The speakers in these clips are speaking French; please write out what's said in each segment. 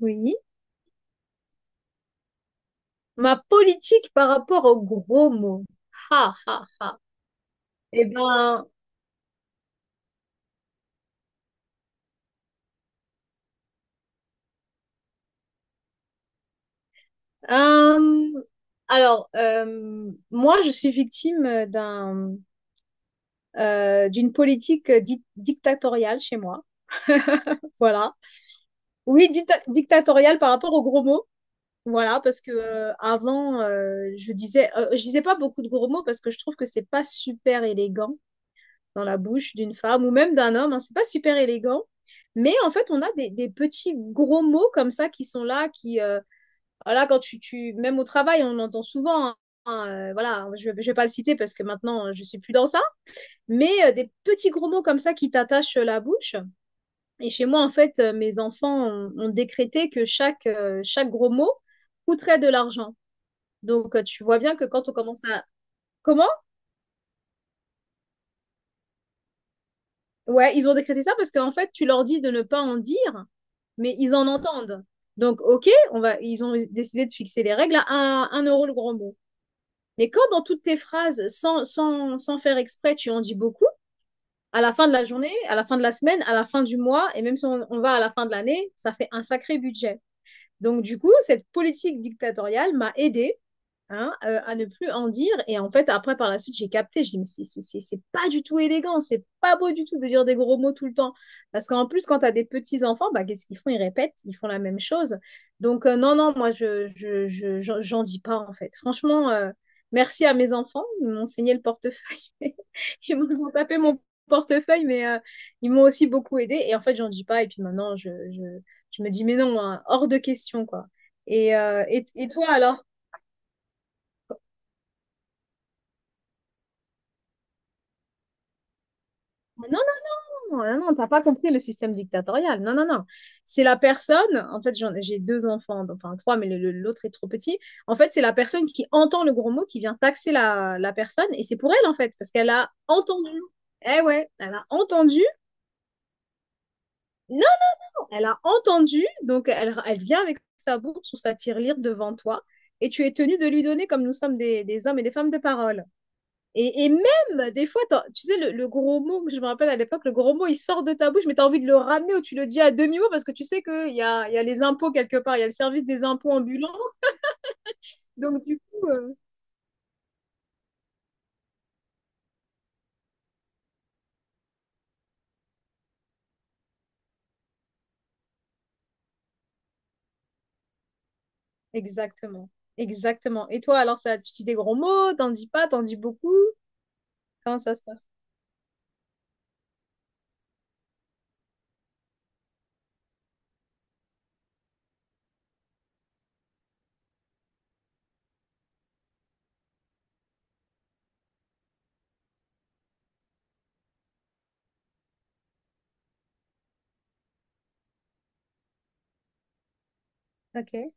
Oui. Ma politique par rapport aux gros mots. Ha, ha, ha. Eh ben, euh, alors, euh, moi, je suis victime d'une politique dictatoriale chez moi. Voilà. Oui, dictatoriale par rapport aux gros mots. Voilà, parce que avant, je disais pas beaucoup de gros mots parce que je trouve que c'est pas super élégant dans la bouche d'une femme ou même d'un homme. Hein. C'est pas super élégant. Mais en fait, on a des petits gros mots comme ça qui sont là, voilà, quand tu, même au travail, on entend souvent, hein, hein, voilà, je vais pas le citer parce que maintenant, je suis plus dans ça, mais des petits gros mots comme ça qui t'attachent la bouche. Et chez moi, en fait, mes enfants ont décrété que chaque gros mot coûterait de l'argent. Donc, tu vois bien que quand on commence à... Comment? Ouais, ils ont décrété ça parce qu'en fait, tu leur dis de ne pas en dire, mais ils en entendent. Donc, OK, ils ont décidé de fixer les règles à 1, un euro le grand mot. Mais quand dans toutes tes phrases, sans faire exprès, tu en dis beaucoup, à la fin de la journée, à la fin de la semaine, à la fin du mois, et même si on va à la fin de l'année, ça fait un sacré budget. Donc, du coup, cette politique dictatoriale m'a aidée, hein, à ne plus en dire. Et en fait, après, par la suite, j'ai capté. Je dis, mais c'est pas du tout élégant, c'est pas beau du tout de dire des gros mots tout le temps. Parce qu'en plus, quand t'as des petits-enfants, bah, qu'est-ce qu'ils font? Ils répètent, ils font la même chose. Donc, non, non, moi, j'en dis pas, en fait. Franchement, merci à mes enfants. Ils m'ont saigné le portefeuille. Ils m'ont tapé mon portefeuille, mais ils m'ont aussi beaucoup aidé. Et en fait, j'en dis pas. Et puis maintenant, je me dis, mais non, hein, hors de question, quoi. Et toi, alors? Non, non, non, non, t'as pas compris le système dictatorial. Non, non, non. C'est la personne, en fait, j'ai deux enfants, enfin trois, mais l'autre est trop petit. En fait, c'est la personne qui entend le gros mot, qui vient taxer la personne, et c'est pour elle, en fait, parce qu'elle a entendu. Eh ouais, elle a entendu. Non, elle a entendu, donc elle vient avec sa bourse ou sa tirelire devant toi, et tu es tenu de lui donner, comme nous sommes des hommes et des femmes de parole. Et, même, des fois, tu sais, le gros mot, je me rappelle à l'époque, le gros mot, il sort de ta bouche, mais tu as envie de le ramener ou tu le dis à demi-mot parce que tu sais qu'il y a les impôts quelque part, il y a le service des impôts ambulants. Donc, du coup, exactement. Exactement. Et toi, alors, ça, tu dis des gros mots, t'en dis pas, t'en dis beaucoup. Comment ça se passe? Ok.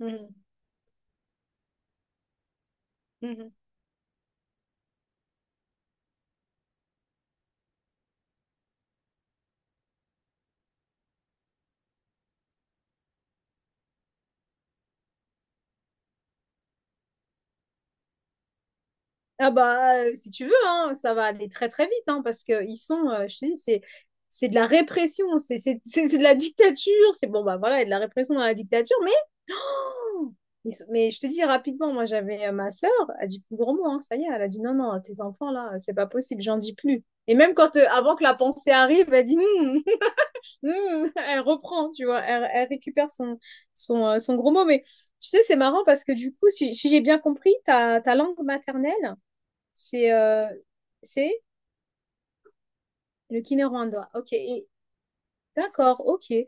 Mhm. Mhm. Ah bah, si tu veux, hein, ça va aller très très vite, hein, parce que ils sont, je te dis, c'est de la répression, c'est de la dictature, c'est bon bah voilà, il y a de la répression dans la dictature. Mais je te dis rapidement, moi j'avais ma sœur, elle dit plus gros mot, hein, ça y est, elle a dit non, non, tes enfants là, c'est pas possible, j'en dis plus. Et même quand, avant que la pensée arrive, elle dit « Hmm », hmm, elle reprend, tu vois, elle récupère son gros mot. Mais tu sais, c'est marrant parce que du coup, si j'ai bien compris, ta langue maternelle, c'est c'est le kinyarwanda. Ok. D'accord, ok. Et,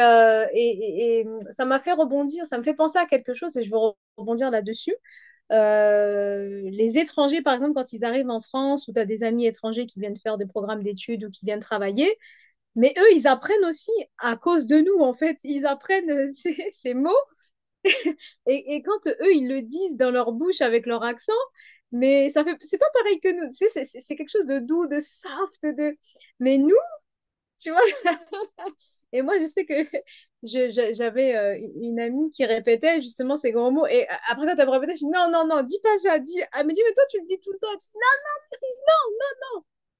euh, et, et- et, hum, ça m'a fait rebondir, ça me fait penser à quelque chose et je veux rebondir là-dessus. Les étrangers, par exemple, quand ils arrivent en France, ou tu as des amis étrangers qui viennent faire des programmes d'études ou qui viennent travailler, mais eux, ils apprennent aussi à cause de nous, en fait. Ils apprennent ces mots, et, quand eux, ils le disent dans leur bouche avec leur accent, mais ça fait, c'est pas pareil que nous, tu sais, c'est quelque chose de doux, de soft, de... mais nous, tu vois. Et moi, je sais que, j'avais une amie qui répétait justement ces grands mots, et après, quand elle me répétait, je dis non, non, non, dis pas ça, dis, ah mais dis, mais toi, tu le dis tout le temps.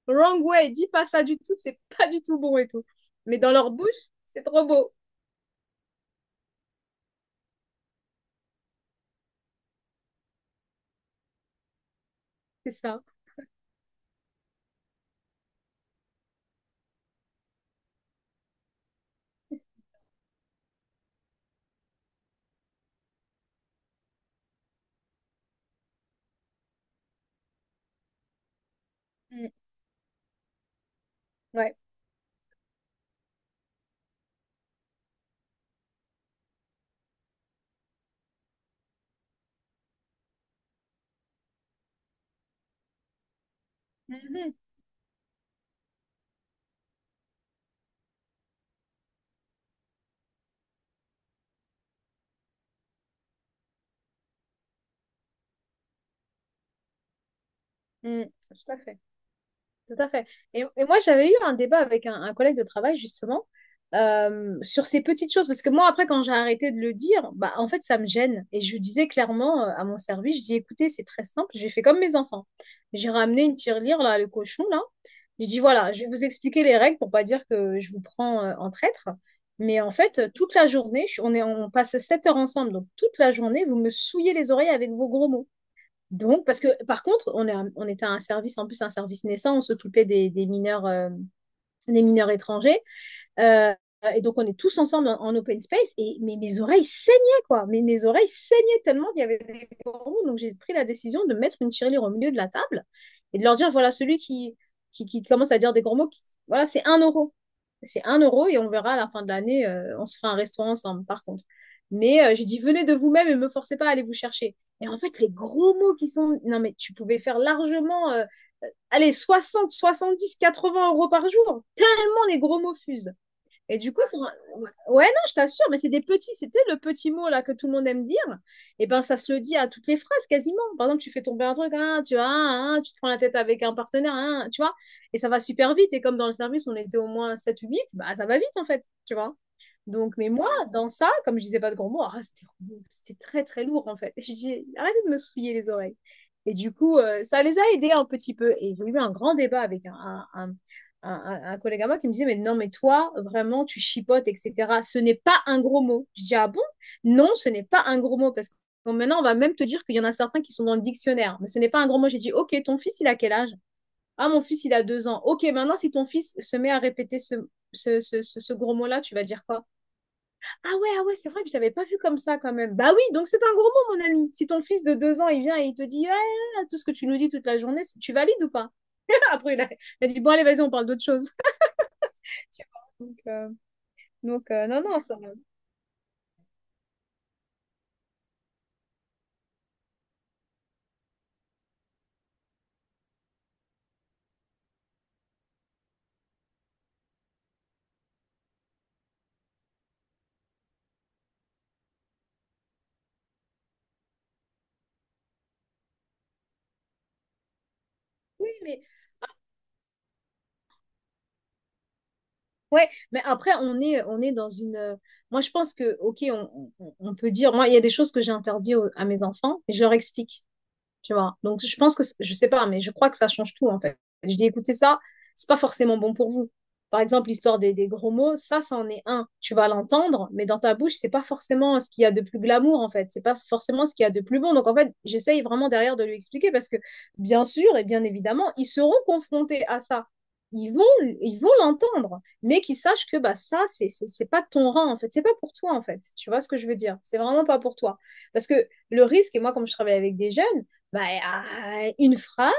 Wrong way, dis pas ça du tout, c'est pas du tout bon et tout. Mais dans leur bouche, c'est trop beau. C'est ça. Mm, ouais. Mhm, mm, tout à fait. Tout à fait. Et, moi, j'avais eu un débat avec un collègue de travail, justement, sur ces petites choses. Parce que moi, après, quand j'ai arrêté de le dire, bah, en fait, ça me gêne. Et je lui disais clairement, à mon service, je dis, écoutez, c'est très simple, j'ai fait comme mes enfants. J'ai ramené une tirelire, là, le cochon, là. Je dis, voilà, je vais vous expliquer les règles pour pas dire que je vous prends, en traître. Mais en fait, toute la journée, on passe 7 heures ensemble. Donc, toute la journée, vous me souillez les oreilles avec vos gros mots. Donc, parce que par contre, on était un service, en plus un service naissant, on s'occupait des mineurs étrangers. Euh, et donc, on est tous ensemble en open space. Et mais mes oreilles saignaient, quoi. Mais mes oreilles saignaient tellement qu'il y avait des gourous. Donc, j'ai pris la décision de mettre une tirelire au milieu de la table et de leur dire voilà, celui qui commence à dire des gros mots, voilà, c'est un euro. C'est un euro et on verra à la fin de l'année, on se fera un restaurant ensemble, par contre. Mais j'ai dit venez de vous-même et ne me forcez pas à aller vous chercher. Et en fait, les gros mots qui sont... Non, mais tu pouvais faire largement, allez, dix quatre-vingts euros par jour. Tellement les gros mots fusent. Et du coup, ouais, non, je t'assure, mais c'était le petit mot là que tout le monde aime dire. Et ben, ça se le dit à toutes les phrases quasiment. Par exemple, tu fais tomber un truc, hein, tu vois, hein, hein, tu te prends la tête avec un partenaire, hein, tu vois, et ça va super vite. Et comme dans le service, on était au moins 7 ou 8, bah ça va vite en fait, tu vois. Donc, mais moi, dans ça, comme je disais pas de gros mots, ah, c'était très très lourd en fait. J'ai dit, arrêtez de me souiller les oreilles. Et du coup, ça les a aidés un petit peu. Et j'ai eu un grand débat avec un, un- un collègue à moi qui me disait, mais non, mais toi, vraiment, tu chipotes, etc. Ce n'est pas un gros mot. Je dis, ah bon? Non, ce n'est pas un gros mot. Parce que maintenant, on va même te dire qu'il y en a certains qui sont dans le dictionnaire. Mais ce n'est pas un gros mot. J'ai dit, ok, ton fils, il a quel âge? Ah, mon fils, il a 2 ans. Ok, maintenant, si ton fils se met à répéter ce gros mot-là, tu vas dire quoi? Ah ouais, ah ouais, c'est vrai que je l'avais pas vu comme ça quand même. Bah oui, donc c'est un gros mot, mon ami. Si ton fils de 2 ans, il vient et il te dit ouais, ouais, ouais, tout ce que tu nous dis toute la journée, tu valides ou pas? Après, il a dit, bon, allez, vas-y, on parle d'autre chose. Tu vois. Donc, non, non, ça. Oui, mais ouais, mais après, on est dans une... Moi, je pense que, ok, on peut dire. Moi, il y a des choses que j'ai interdites à mes enfants et je leur explique, tu vois. Donc, je pense que, je sais pas, mais je crois que ça change tout, en fait. Je dis, écoutez, ça, c'est pas forcément bon pour vous. Par exemple, l'histoire des gros mots, ça en est un. Tu vas l'entendre, mais dans ta bouche, c'est pas forcément ce qu'il y a de plus glamour, en fait. C'est pas forcément ce qu'il y a de plus bon. Donc, en fait, j'essaye vraiment derrière de lui expliquer parce que, bien sûr et bien évidemment, ils seront confrontés à ça. Ils vont, ils vont l'entendre, mais qu'ils sachent que bah, ça, c'est pas de ton rang, en fait. C'est pas pour toi, en fait. Tu vois ce que je veux dire? C'est vraiment pas pour toi. Parce que le risque, et moi, comme je travaille avec des jeunes, bah, une phrase,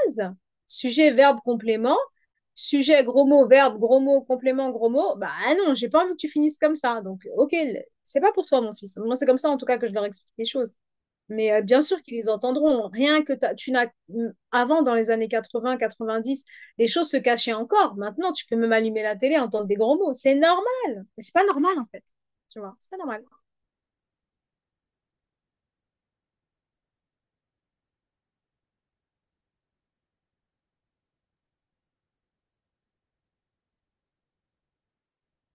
sujet, verbe, complément, sujet, gros mot, verbe, gros mot, complément, gros mot. Bah ah non, j'ai pas envie que tu finisses comme ça. Donc, ok, c'est pas pour toi, mon fils. Moi, c'est comme ça, en tout cas, que je leur explique les choses. Mais bien sûr qu'ils les entendront. Rien que tu n'as. Avant, dans les années 80-90, les choses se cachaient encore. Maintenant, tu peux même allumer la télé, entendre des gros mots. C'est normal. Mais c'est pas normal, en fait. Tu vois, c'est pas normal.